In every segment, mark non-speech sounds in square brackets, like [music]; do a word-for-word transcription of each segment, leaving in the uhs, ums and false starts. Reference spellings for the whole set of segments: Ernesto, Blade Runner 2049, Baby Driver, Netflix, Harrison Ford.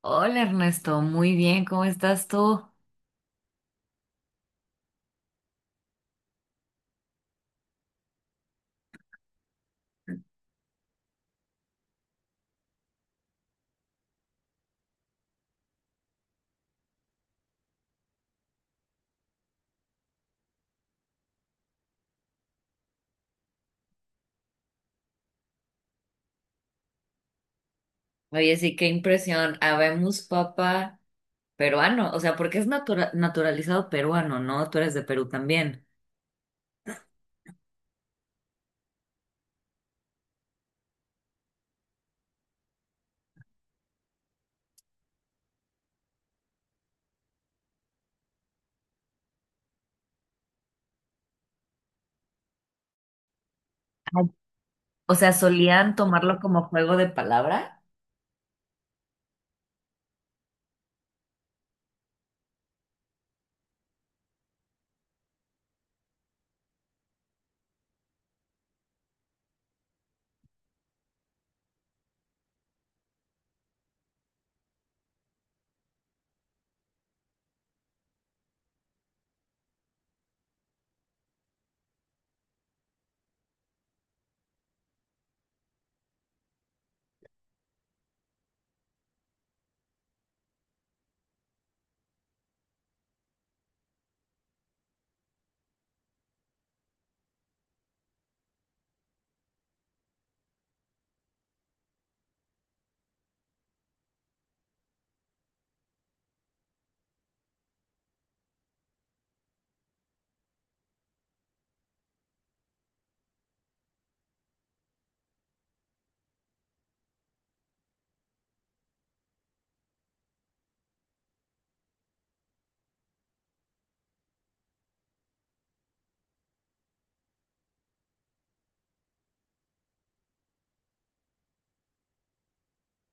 Hola Ernesto, muy bien, ¿cómo estás tú? Oye, sí, qué impresión. Habemos papa peruano, o sea, porque es natura- naturalizado peruano, ¿no? Tú eres de Perú también. Ay. O sea, solían tomarlo como juego de palabra.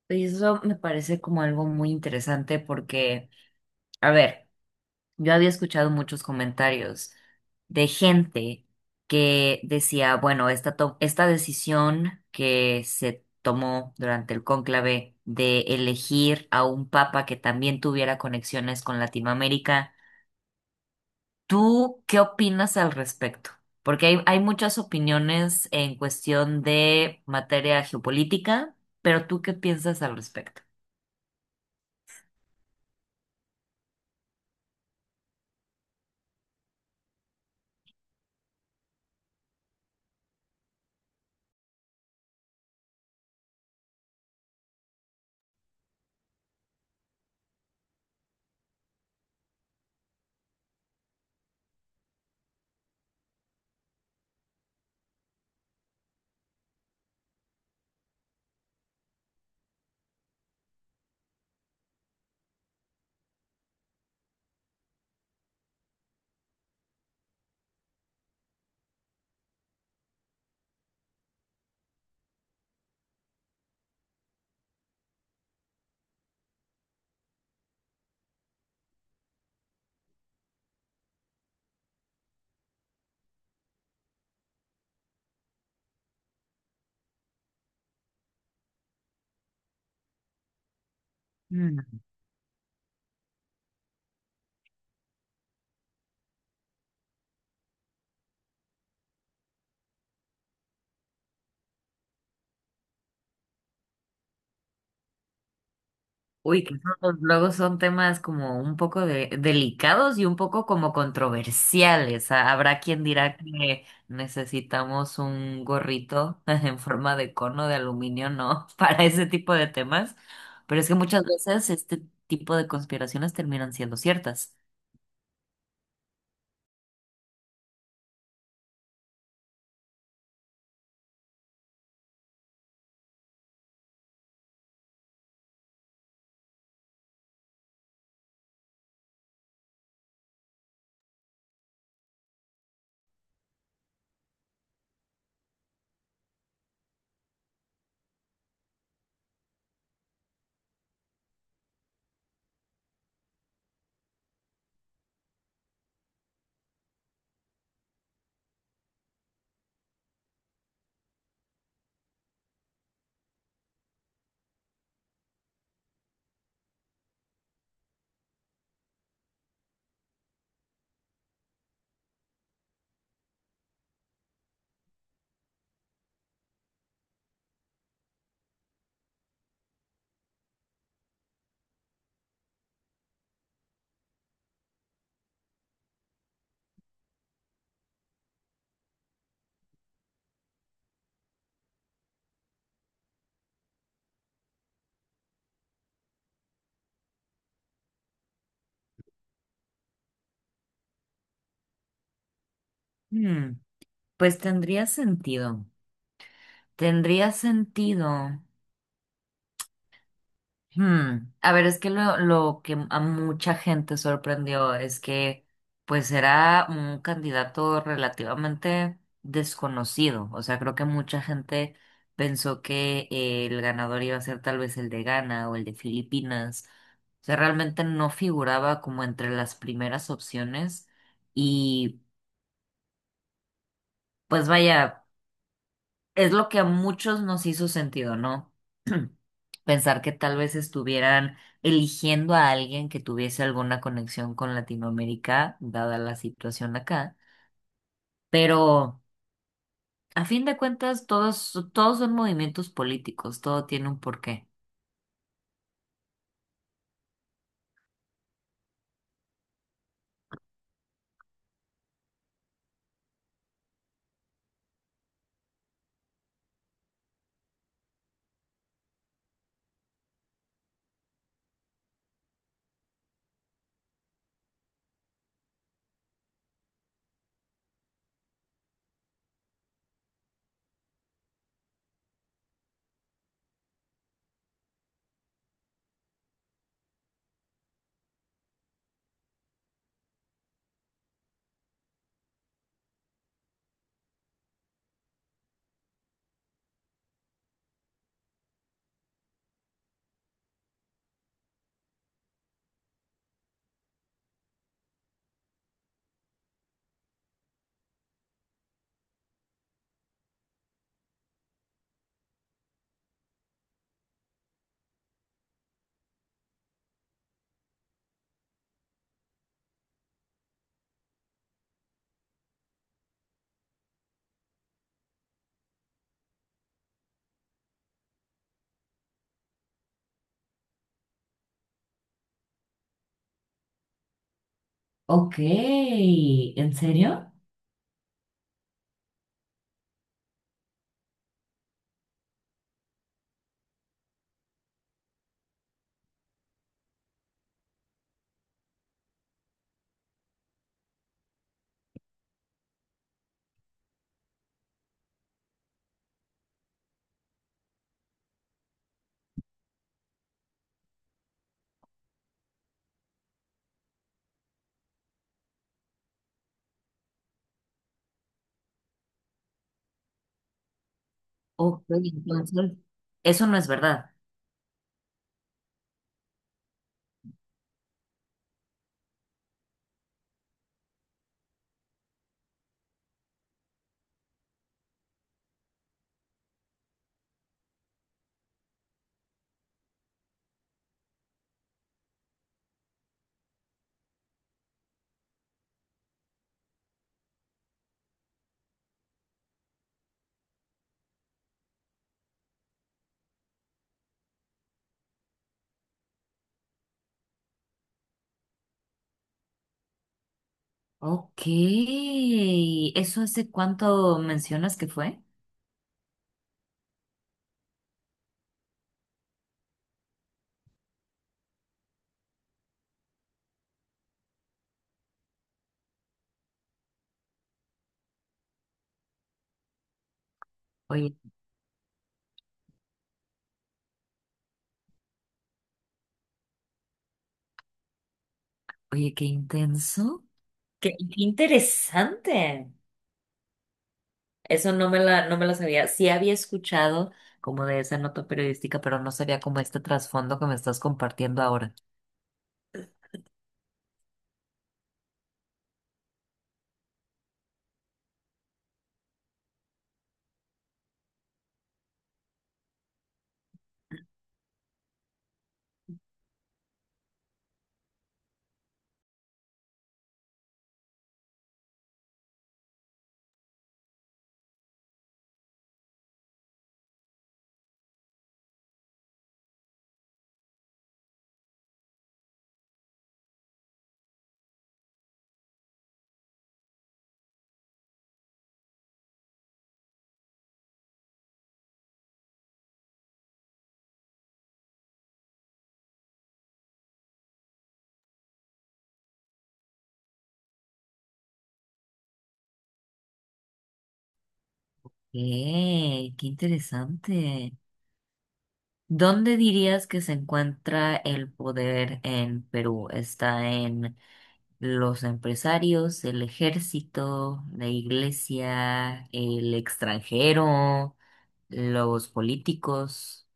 Y eso me parece como algo muy interesante porque, a ver. Yo había escuchado muchos comentarios de gente que decía, bueno, esta, to- esta decisión que se tomó durante el cónclave de elegir a un papa que también tuviera conexiones con Latinoamérica, ¿tú qué opinas al respecto? Porque hay, hay muchas opiniones en cuestión de materia geopolítica, pero ¿tú qué piensas al respecto? Uy, que esos luego son temas como un poco de- delicados y un poco como controversiales. Ah, habrá quien dirá que necesitamos un gorrito [laughs] en forma de cono de aluminio, ¿no? [laughs] Para ese tipo de temas. Pero es que muchas veces este tipo de conspiraciones terminan siendo ciertas. Hmm, pues tendría sentido. Tendría sentido. Hmm, a ver, es que lo, lo que a mucha gente sorprendió es que pues era un candidato relativamente desconocido. O sea, creo que mucha gente pensó que eh, el ganador iba a ser tal vez el de Ghana o el de Filipinas. O sea, realmente no figuraba como entre las primeras opciones. Y pues vaya, es lo que a muchos nos hizo sentido, ¿no? [clears throat] Pensar que tal vez estuvieran eligiendo a alguien que tuviese alguna conexión con Latinoamérica, dada la situación acá. Pero a fin de cuentas, todos, todos son movimientos políticos, todo tiene un porqué. Ok, ¿en serio? Ok, entonces, eso no es verdad. Ok, ¿eso hace cuánto mencionas que fue? Oye, oye, qué intenso. Qué interesante. Eso no me la, no me lo sabía. Sí había escuchado como de esa nota periodística, pero no sabía como este trasfondo que me estás compartiendo ahora. ¡Eh! ¡Qué interesante! ¿Dónde dirías que se encuentra el poder en Perú? ¿Está en los empresarios, el ejército, la iglesia, el extranjero, los políticos?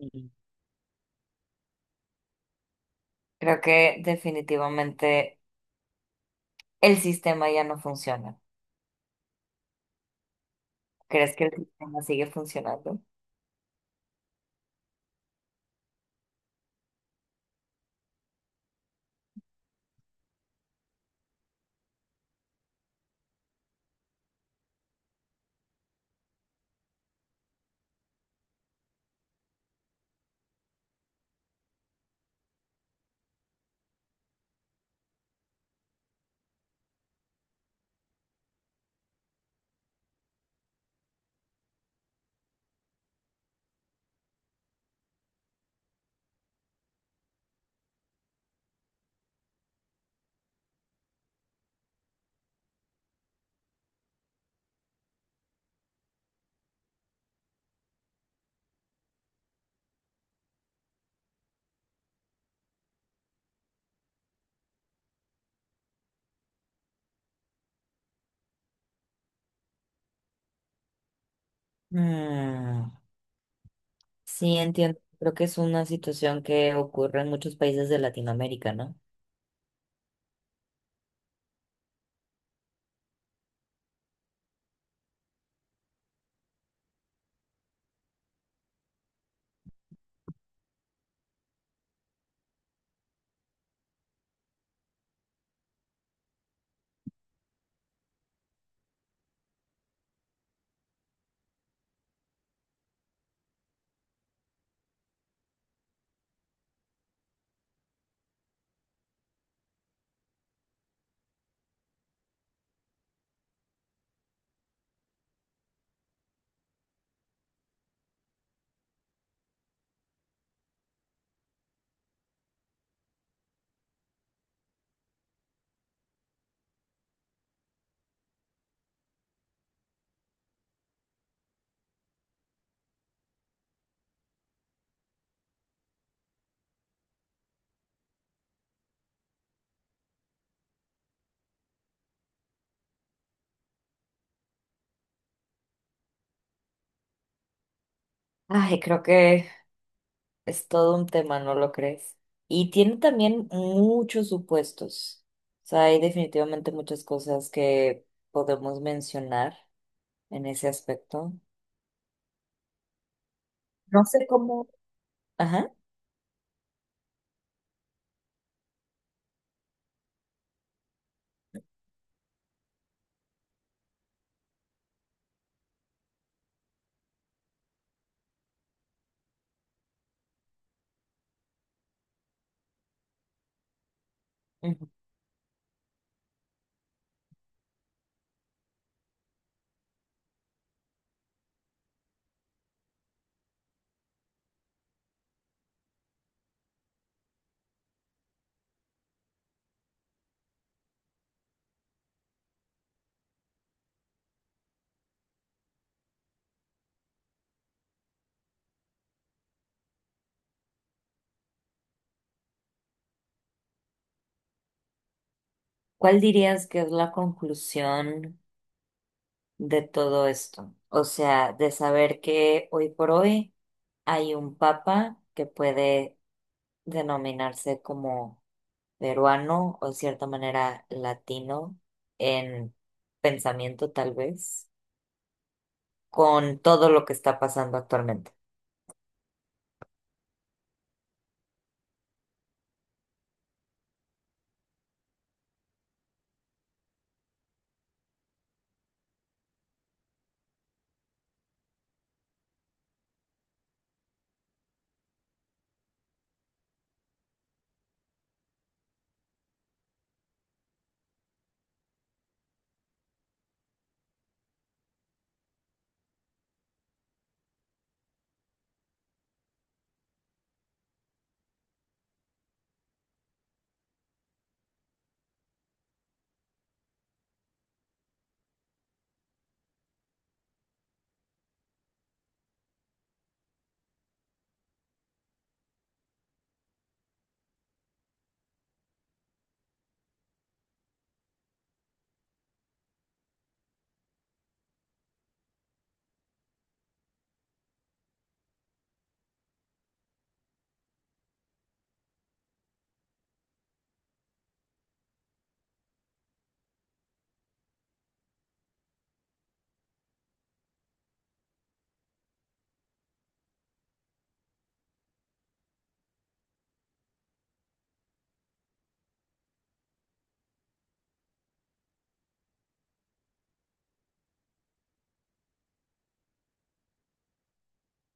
Mm. Creo que definitivamente. El sistema ya no funciona. ¿Crees que el sistema sigue funcionando? Mm, sí, entiendo. Creo que es una situación que ocurre en muchos países de Latinoamérica, ¿no? Ay, creo que es todo un tema, ¿no lo crees? Y tiene también muchos supuestos. O sea, hay definitivamente muchas cosas que podemos mencionar en ese aspecto. No sé cómo, ajá. Ujú. ¿Cuál dirías que es la conclusión de todo esto? O sea, de saber que hoy por hoy hay un papa que puede denominarse como peruano o de cierta manera latino en pensamiento tal vez, con todo lo que está pasando actualmente.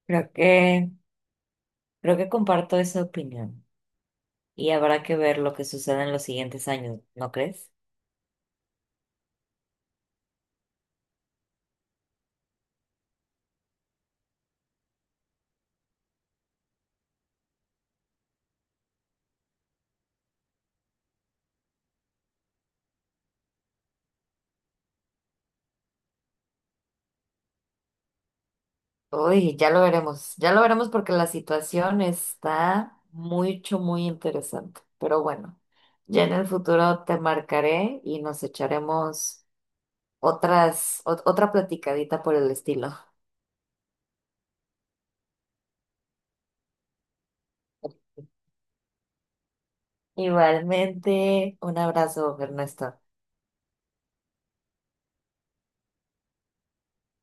Creo que, Creo que comparto esa opinión y habrá que ver lo que sucede en los siguientes años, ¿no crees? Uy, ya lo veremos, ya lo veremos porque la situación está mucho, muy interesante. Pero bueno, ya en el futuro te marcaré y nos echaremos otras, ot- otra platicadita por el estilo. [laughs] Igualmente, un abrazo, Ernesto.